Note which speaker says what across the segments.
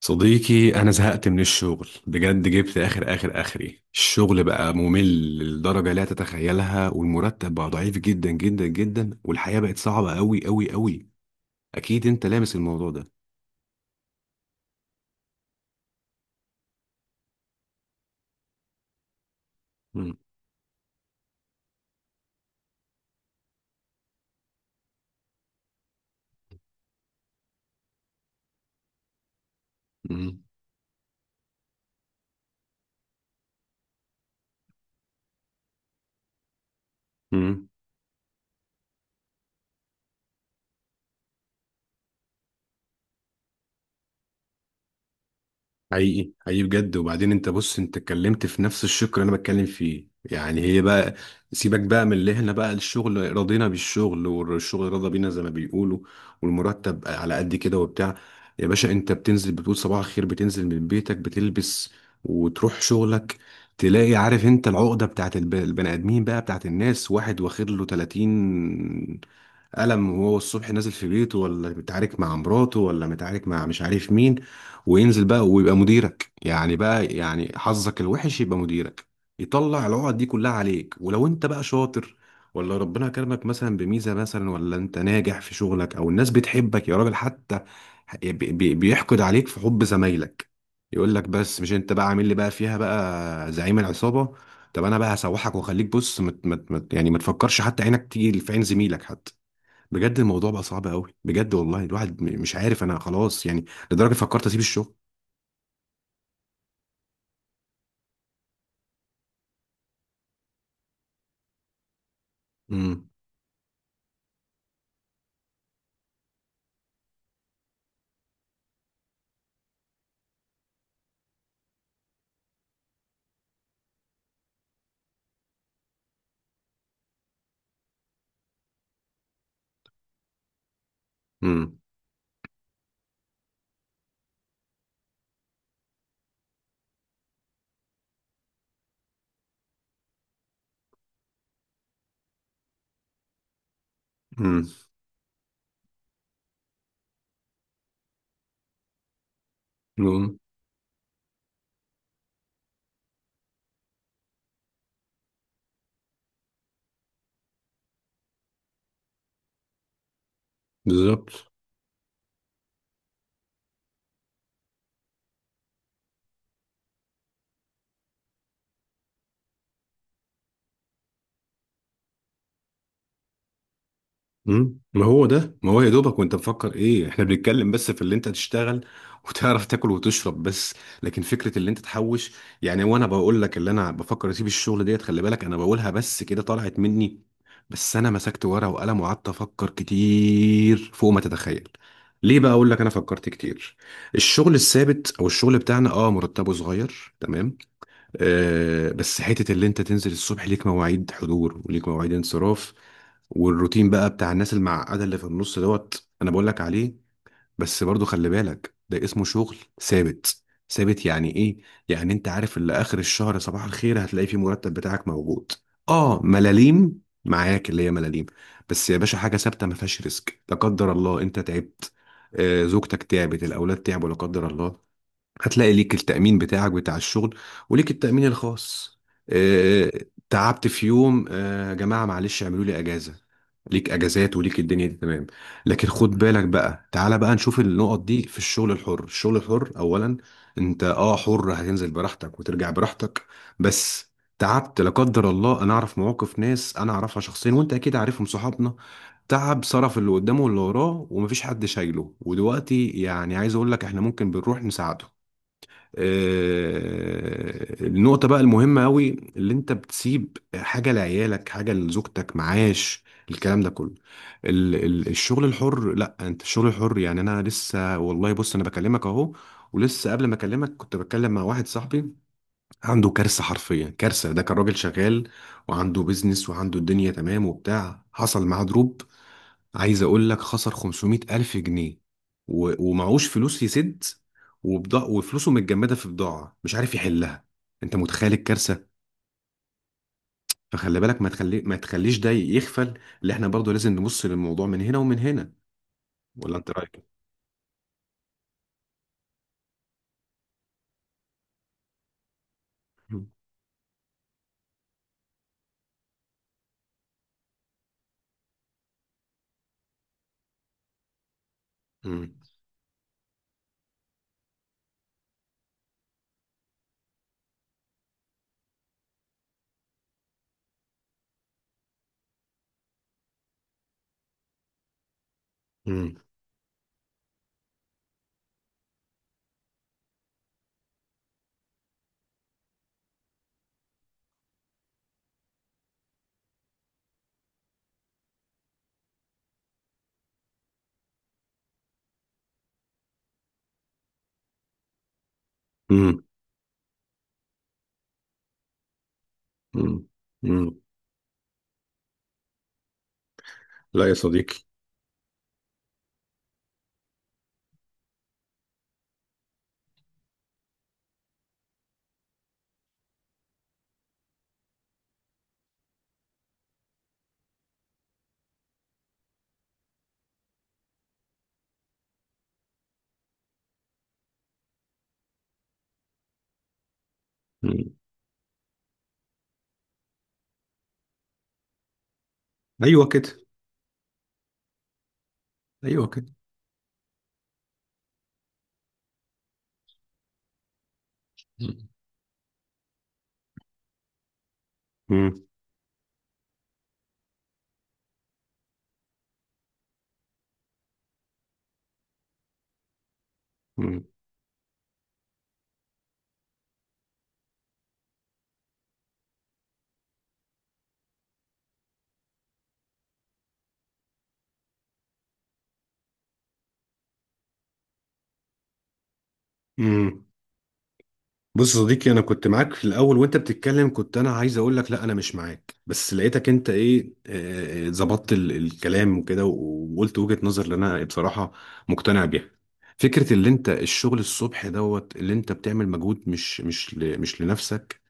Speaker 1: صديقي، أنا زهقت من الشغل بجد، جبت آخر آخر آخري. الشغل بقى ممل للدرجة لا تتخيلها، والمرتب بقى ضعيف جدا جدا جدا، والحياة بقت صعبة أوي أوي أوي. أكيد أنت لامس الموضوع ده. مم. مم. مم. حقيقي حقيقي بجد. وبعدين انت بص، انت اتكلمت في نفس الشق اللي انا بتكلم فيه، يعني هي بقى، سيبك بقى من اللي احنا بقى الشغل راضينا بالشغل والشغل راضى بينا زي ما بيقولوا، والمرتب على قد كده وبتاع. يا باشا، انت بتنزل بتقول صباح الخير، بتنزل من بيتك، بتلبس وتروح شغلك، تلاقي، عارف انت العقدة بتاعت البني ادمين بقى، بتاعت الناس، واحد واخد له 30 قلم، وهو الصبح نازل في بيته، ولا متعارك مع مراته ولا متعارك مع مش عارف مين، وينزل بقى ويبقى مديرك، يعني بقى، يعني حظك الوحش يبقى مديرك، يطلع العقد دي كلها عليك. ولو انت بقى شاطر، ولا ربنا كرمك مثلا بميزة مثلا، ولا انت ناجح في شغلك، او الناس بتحبك، يا راجل، حتى بيحقد عليك في حب زمايلك، يقول لك بس مش انت بقى عامل لي بقى فيها بقى زعيم العصابة. طب انا بقى هسوحك واخليك، بص، مت مت مت، يعني ما تفكرش حتى عينك تيجي في عين زميلك حتى. بجد الموضوع بقى صعب قوي بجد، والله الواحد مش عارف، انا خلاص يعني لدرجه فكرت اسيب الشغل. امم. امم. امم. بالظبط. مم. ما هو ده، ما هو يا دوبك، وانت مفكر ايه؟ احنا بنتكلم بس في اللي انت تشتغل وتعرف تاكل وتشرب بس، لكن فكره اللي انت تحوش، يعني. وانا بقول لك اللي انا بفكر اسيب الشغل ديت، خلي بالك انا بقولها بس كده طلعت مني، بس انا مسكت ورقه وقلم وقعدت افكر كتير فوق ما تتخيل. ليه بقى؟ اقول لك، انا فكرت كتير. الشغل الثابت او الشغل بتاعنا، اه، مرتبه صغير تمام. آه، بس حتة اللي انت تنزل الصبح ليك مواعيد حضور وليك مواعيد انصراف، والروتين بقى بتاع الناس المعقدة اللي في النص دوت انا بقول لك عليه. بس برضو خلي بالك ده اسمه شغل ثابت. ثابت يعني ايه؟ يعني انت عارف اللي اخر الشهر صباح الخير هتلاقي فيه مرتب بتاعك موجود. اه، ملاليم معاك اللي هي ملاليم، بس يا باشا حاجة ثابتة ما فيهاش ريسك. لا قدر الله انت تعبت، آه، زوجتك تعبت، الاولاد تعبوا لا قدر الله، هتلاقي ليك التأمين بتاعك بتاع الشغل، وليك التأمين الخاص. اه. تعبت في يوم، آه، يا جماعة معلش اعملوا لي أجازة، ليك أجازات وليك الدنيا دي تمام. لكن خد بالك بقى، تعالى بقى نشوف النقط دي في الشغل الحر. الشغل الحر أولا، أنت أه حر، هتنزل براحتك وترجع براحتك، بس تعبت لا قدر الله. أنا أعرف مواقف ناس أنا أعرفها شخصيا، وأنت أكيد عارفهم، صحابنا، تعب، صرف اللي قدامه واللي وراه، ومفيش حد شايله، ودلوقتي يعني عايز أقول لك إحنا ممكن بنروح نساعده. آه، النقطة بقى المهمة أوي، اللي أنت بتسيب حاجة لعيالك، حاجة لزوجتك، معاش، الكلام ده كله. ال الشغل الحر، لا أنت الشغل الحر، يعني أنا لسه والله، بص أنا بكلمك أهو، ولسه قبل ما أكلمك كنت بتكلم مع واحد صاحبي، عنده كارثة، حرفيا كارثة. ده كان راجل شغال وعنده بيزنس وعنده الدنيا تمام وبتاع، حصل معاه دروب، عايز اقول لك خسر 500 الف جنيه، ومعهوش فلوس يسد، وبضاع وفلوسه متجمده في بضاعه مش عارف يحلها. انت متخيل الكارثه؟ فخلي بالك، ما تخليش ده يغفل، اللي احنا برضو لازم نبص للموضوع من هنا ومن هنا. ولا انت رايك؟ مم. مم. مم. مم. مم. مم. لا يا صديقي. مم. ايوه كده. ايوه كده. مم. مم. مم. بص يا صديقي، انا كنت معاك في الاول وانت بتتكلم، كنت انا عايز اقول لك لا انا مش معاك، بس لقيتك انت ايه، آه، ظبطت الكلام وكده، وقلت وجهة نظر اللي انا بصراحة مقتنع بيها. فكرة اللي انت الشغل الصبح دوت، اللي انت بتعمل مجهود مش لنفسك.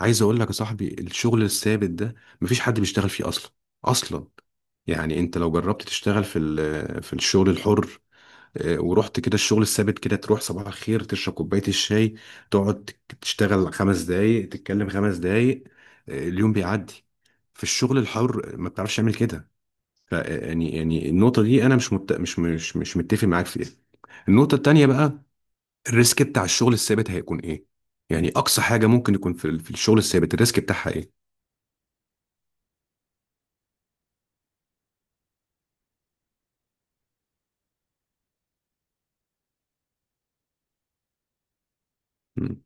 Speaker 1: عايز اقول لك يا صاحبي، الشغل الثابت ده مفيش حد بيشتغل فيه اصلا، اصلا. يعني انت لو جربت تشتغل في في الشغل الحر، آه، ورحت كده الشغل الثابت كده، تروح صباح الخير تشرب كوباية الشاي، تقعد تشتغل خمس دقايق، تتكلم خمس دقايق، آه، اليوم بيعدي. في الشغل الحر ما بتعرفش تعمل كده. آه، يعني النقطة دي أنا مش مت... مش مش مش متفق معاك فيها. النقطة التانية بقى، الريسك بتاع الشغل الثابت هيكون إيه؟ يعني أقصى حاجة ممكن يكون في, في الشغل الثابت، الريسك بتاعها إيه؟ مم.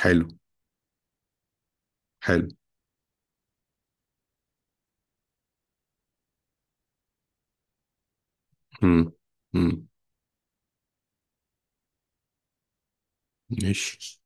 Speaker 1: حلو. حلو. مم. مم. ماشي.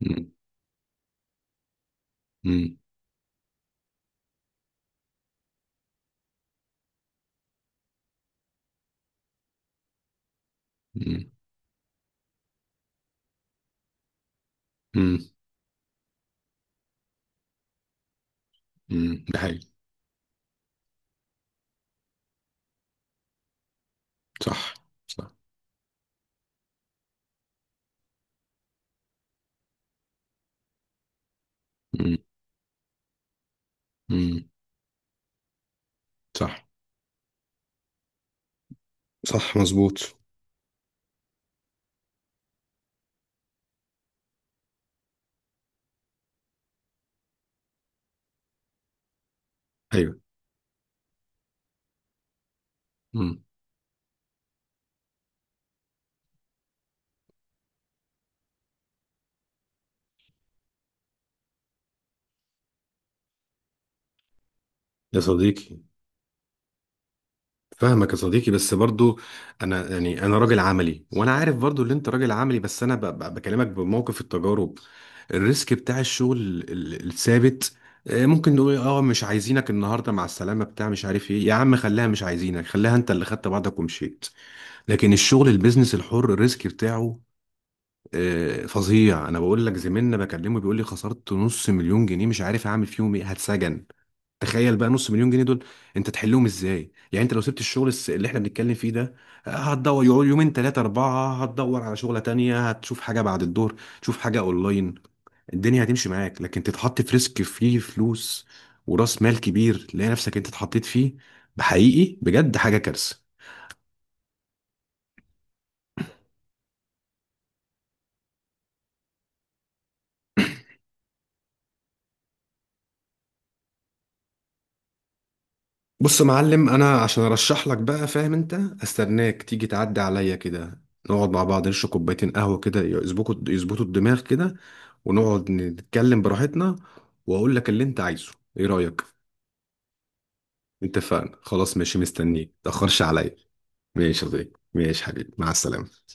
Speaker 1: مم. مم. مم. مم. مم. ده حقيقي. صح. صح. مم. مم. صح. صح مظبوط. ايوه. مم. يا صديقي. فاهمك يا صديقي، بس برضو انا يعني انا راجل عملي، وانا عارف برضو ان انت راجل عملي، بس انا بكلمك بموقف التجارب. الريسك بتاع الشغل الثابت، آه، ممكن نقول إيه، اه، مش عايزينك النهارده مع السلامه بتاع مش عارف ايه يا عم، خليها مش عايزينك، خليها انت اللي خدت بعضك ومشيت. لكن الشغل البيزنس الحر، الريسك بتاعه آه، فظيع. انا بقول لك زميلنا بكلمه بيقول لي خسرت نص مليون جنيه، مش عارف اعمل فيهم ايه، هتسجن. تخيل بقى نص مليون جنيه دول، انت تحلهم ازاي؟ يعني انت لو سبت الشغل اللي احنا بنتكلم فيه ده، آه، هتدور، يقعد يومين 3 4 هتدور على شغلة تانية، هتشوف حاجة بعد الظهر، تشوف حاجة اونلاين، الدنيا هتمشي معاك، لكن تتحط في ريسك فيه فلوس ورأس مال كبير، تلاقي نفسك انت اتحطيت فيه. بحقيقي بجد حاجة كارثة. بص يا معلم، انا عشان ارشح لك بقى، فاهم انت، استناك تيجي تعدي عليا كده، نقعد مع بعض، نشرب كوبايتين قهوه كده، يظبطوا يظبطوا الدماغ كده، ونقعد نتكلم براحتنا، واقول لك اللي انت عايزه. ايه رايك؟ اتفقنا خلاص ماشي، مستنيك، متاخرش عليا. ماشي يا صديقي، ماشي حبيبي، مع السلامه.